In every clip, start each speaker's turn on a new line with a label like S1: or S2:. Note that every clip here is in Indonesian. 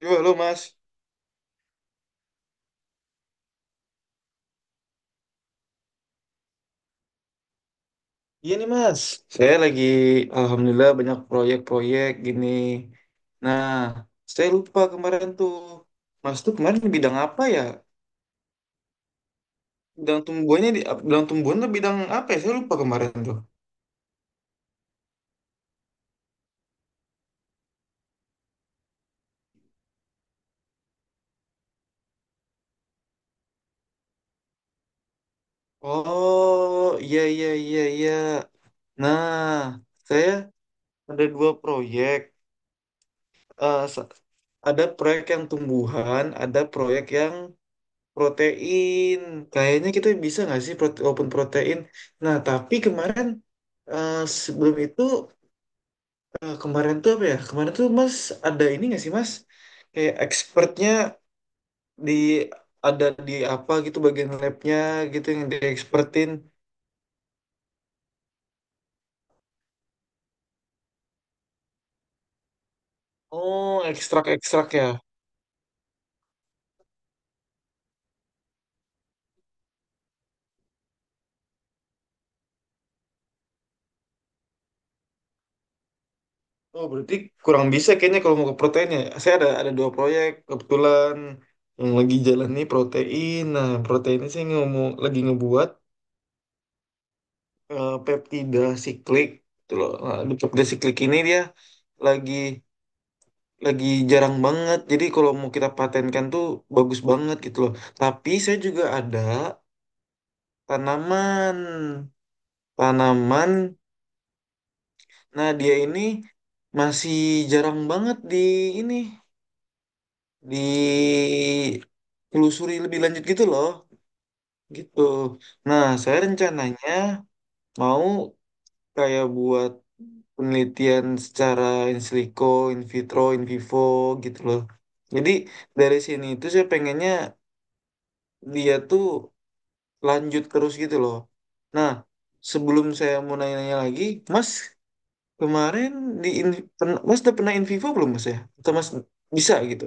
S1: Yo, halo Mas. Iya nih Mas, saya lagi alhamdulillah banyak proyek-proyek gini. Nah, saya lupa kemarin tuh, Mas tuh kemarin di bidang apa ya? Bidang tumbuhannya bidang tumbuhan tuh bidang apa ya? Saya lupa kemarin tuh. Oh, iya iya iya iya. Nah, saya ada dua proyek. Eh, sa- ada proyek yang tumbuhan, ada proyek yang protein, kayaknya kita bisa nggak sih walaupun protein. Nah, tapi kemarin eh, sebelum itu kemarin tuh apa ya? Kemarin tuh Mas ada ini nggak sih Mas? Kayak expertnya di ada di apa gitu bagian labnya gitu yang di expertin. Oh, ekstrak-ekstrak ya. Oh, berarti kurang bisa kayaknya kalau mau ke protein ya. Saya ada dua proyek kebetulan yang lagi jalan nih protein. Nah, proteinnya saya ngomong lagi ngebuat peptida siklik gitu loh. Nah, di peptida siklik ini dia lagi lagi jarang banget. Jadi kalau mau kita patenkan tuh bagus banget gitu loh. Tapi saya juga ada tanaman. Tanaman. Nah, dia ini masih jarang banget di ini ditelusuri lebih lanjut gitu loh. Gitu. Nah, saya rencananya mau kayak buat penelitian secara in silico, in vitro, in vivo gitu loh. Jadi dari sini itu saya pengennya dia tuh lanjut terus gitu loh. Nah, sebelum saya mau nanya-nanya lagi, Mas kemarin Mas udah pernah in vivo belum Mas ya? Atau Mas bisa gitu?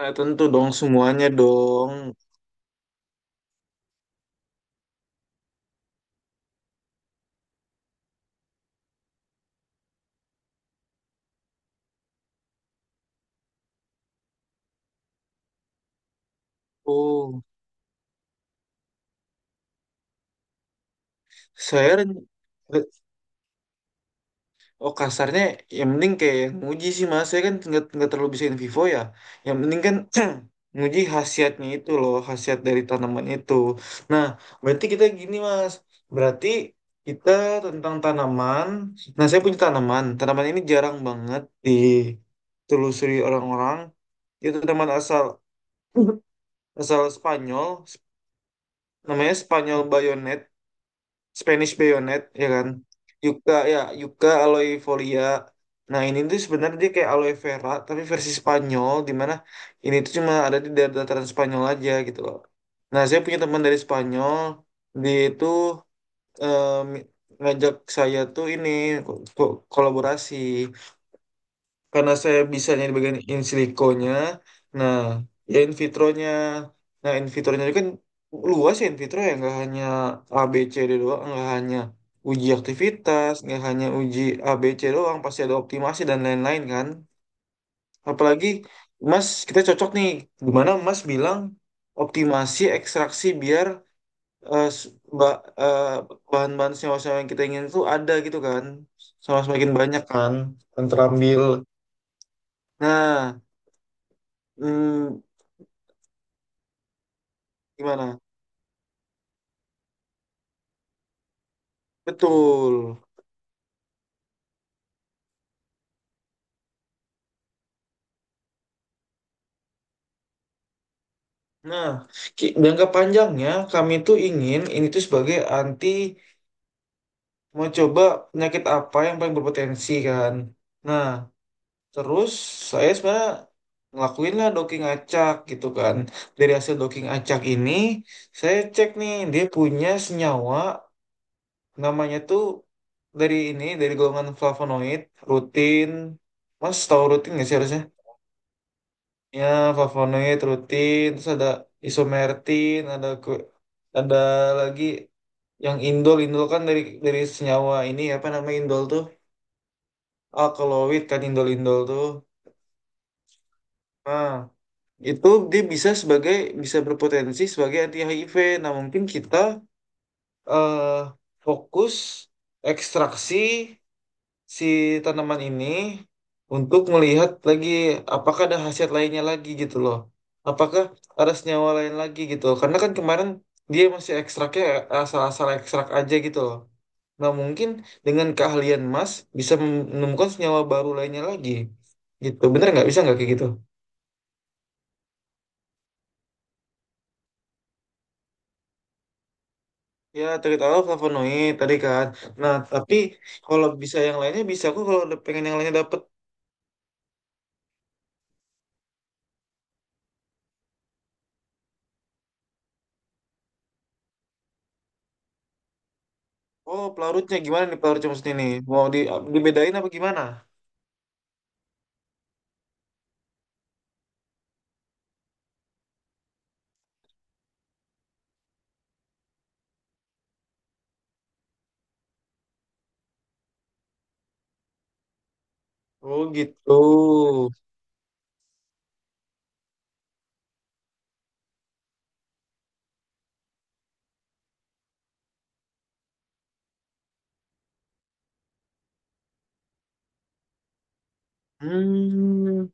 S1: Ah, tentu dong semuanya dong. Oh, saya ren-. Oh, kasarnya yang penting kayak nguji sih mas, saya kan nggak terlalu bisa in vivo ya, yang penting kan nguji khasiatnya itu loh, khasiat dari tanaman itu. Nah, berarti kita gini mas, berarti kita tentang tanaman. Nah, saya punya tanaman tanaman ini jarang banget ditelusuri orang-orang. Itu tanaman asal asal Spanyol, namanya Spanyol Bayonet, Spanish Bayonet ya kan, Yuka ya Yuka Aloe Folia. Nah, ini tuh sebenarnya dia kayak aloe vera tapi versi Spanyol, dimana ini tuh cuma ada di daerah dataran Spanyol aja gitu loh. Nah, saya punya teman dari Spanyol. Dia itu em, ngajak saya tuh ini kolaborasi karena saya bisanya di bagian in siliconya. Nah, ya in vitronya. Nah, in vitronya itu kan luas ya, in vitro ya, nggak hanya A B C D doang, nggak hanya uji aktivitas, nggak hanya uji A B C doang, pasti ada optimasi dan lain-lain kan. Apalagi Mas, kita cocok nih. Gimana Mas bilang optimasi ekstraksi biar eh, s- ba- eh, bahan-bahan senyawa-senyawa yang kita ingin itu ada gitu kan, sama semakin banyak kan yang terambil. Nah, Hmm, gimana? Betul. Nah, jangka panjangnya kami tuh ingin ini tuh sebagai anti, mau coba penyakit apa yang paling berpotensi kan. Nah, terus saya sebenarnya ngelakuin lah docking acak gitu kan. Dari hasil docking acak ini, saya cek nih dia punya senyawa namanya tuh dari ini dari golongan flavonoid rutin. Mas tahu rutin nggak sih harusnya? Ya, flavonoid, rutin, terus ada isomertin, ada ada lagi yang indol, indol kan dari senyawa ini apa namanya indol tuh alkaloid kan indol indol tuh. Nah, itu dia bisa berpotensi sebagai anti HIV. Nah, mungkin kita eh fokus ekstraksi si tanaman ini untuk melihat lagi apakah ada khasiat lainnya lagi gitu loh. Apakah ada senyawa lain lagi gitu loh. Karena kan kemarin dia masih ekstraknya asal-asal ekstrak aja gitu loh. Nah, mungkin dengan keahlian Mas bisa menemukan senyawa baru lainnya lagi. Gitu. Bener nggak? Bisa nggak kayak gitu? Ya, terutama flavonoid tadi kan. Nah, tapi kalau bisa yang lainnya bisa aku kalau pengen yang lainnya dapet. Oh, pelarutnya gimana nih, pelarutnya maksudnya nih? Mau dibedain apa gimana? Oh gitu. Hmm,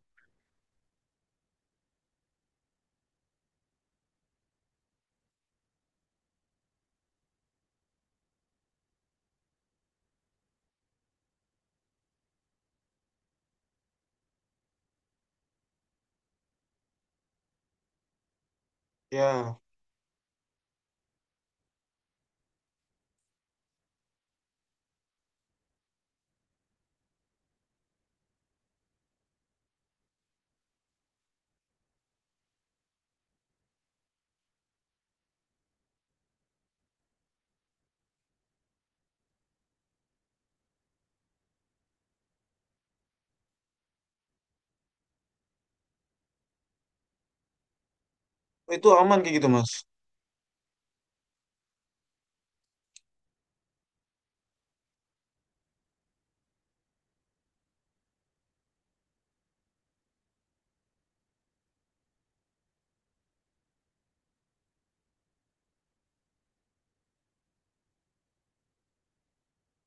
S1: ya. Itu aman kayak gitu, Mas.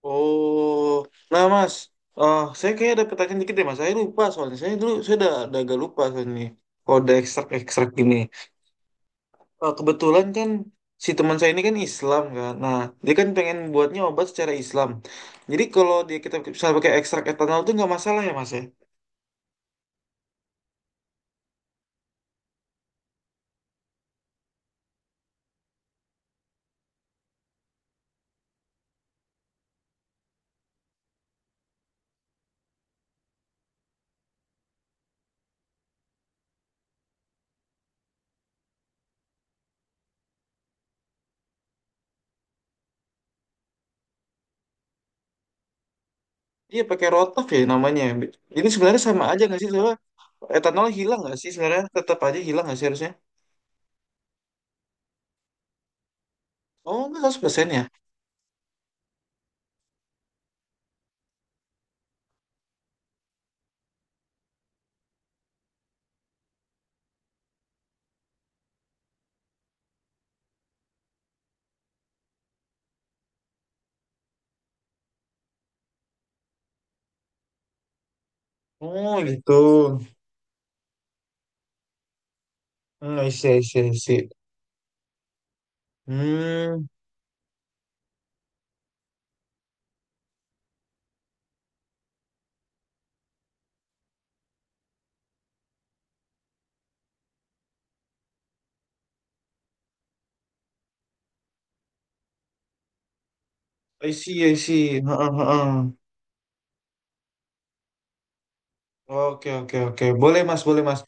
S1: Oh, nah Mas, saya kayaknya ada pertanyaan dikit deh, Mas. Saya lupa soalnya. Saya udah agak lupa soalnya nih. Kalau ada ekstrak-ekstrak gini. Eh, kebetulan kan si teman saya ini kan Islam kan. Nah, dia kan pengen buatnya obat secara Islam. Jadi kalau dia kita bisa pakai ekstrak etanol itu nggak masalah ya, Mas ya? Iya, pakai rotaf ya namanya. Ini sebenarnya sama aja nggak sih? Soalnya etanol hilang nggak sih sebenarnya? Tetap aja hilang nggak sih harusnya? Oh, nggak 100% ya? Oh, gitu. Hmm, I see, I see, I see. Hmm, I see, I see. Heeh, heeh. Oke, oke, oke. Boleh, Mas, boleh, Mas.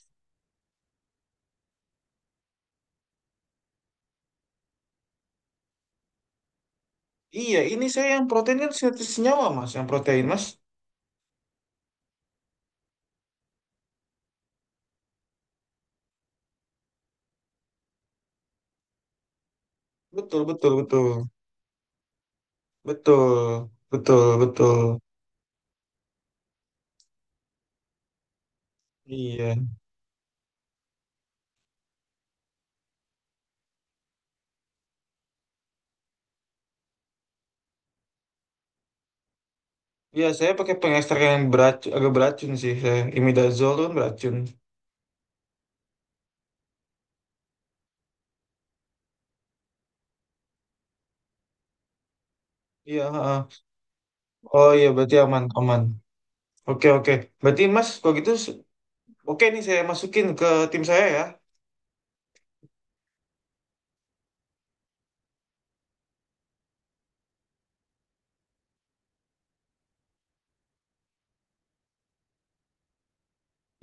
S1: Iya, ini saya yang protein kan sintesis senyawa, Mas. Yang protein, Mas. Betul, betul, betul. Betul, betul, betul. Iya. Iya, saya pakai pengekstrak yang beracun, agak beracun sih. Saya. Imidazol tuh kan beracun. Iya, heeh. Oh iya, berarti aman, aman. Oke, oke. Berarti Mas, kalau gitu, oke nih saya masukin ke tim saya ya.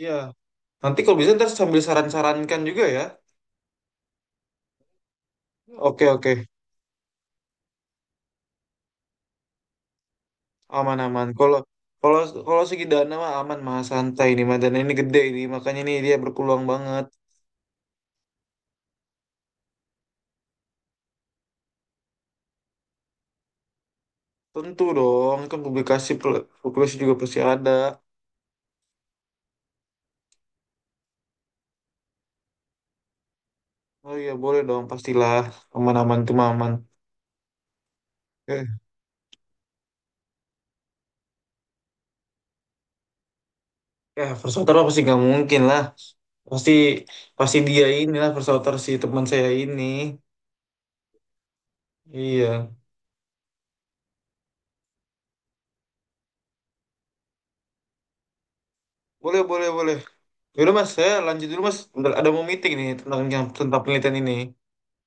S1: Iya, nanti kalau bisa ntar sambil saran-sarankan juga ya. Oke oke, aman aman. Kalau kalau kalau segi dana mah aman mah santai, ini mah dana ini gede, ini makanya ini dia berpeluang banget. Tentu dong, kan publikasi publikasi juga pasti ada. Oh iya boleh dong pastilah, aman aman tuh mah aman. Oke. Ya first outer mah pasti nggak mungkin lah. Pasti pasti dia inilah first outer si teman saya ini. Iya, boleh boleh boleh. Yaudah mas, saya lanjut dulu mas. Bentar, ada mau meeting nih tentang yang tentang penelitian ini.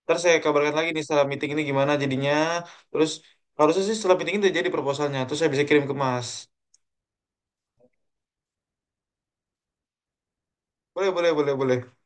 S1: Ntar saya kabarkan lagi nih setelah meeting ini gimana jadinya. Terus harusnya sih setelah meeting ini udah jadi proposalnya. Terus saya bisa kirim ke mas. Boleh, boleh, boleh, boleh.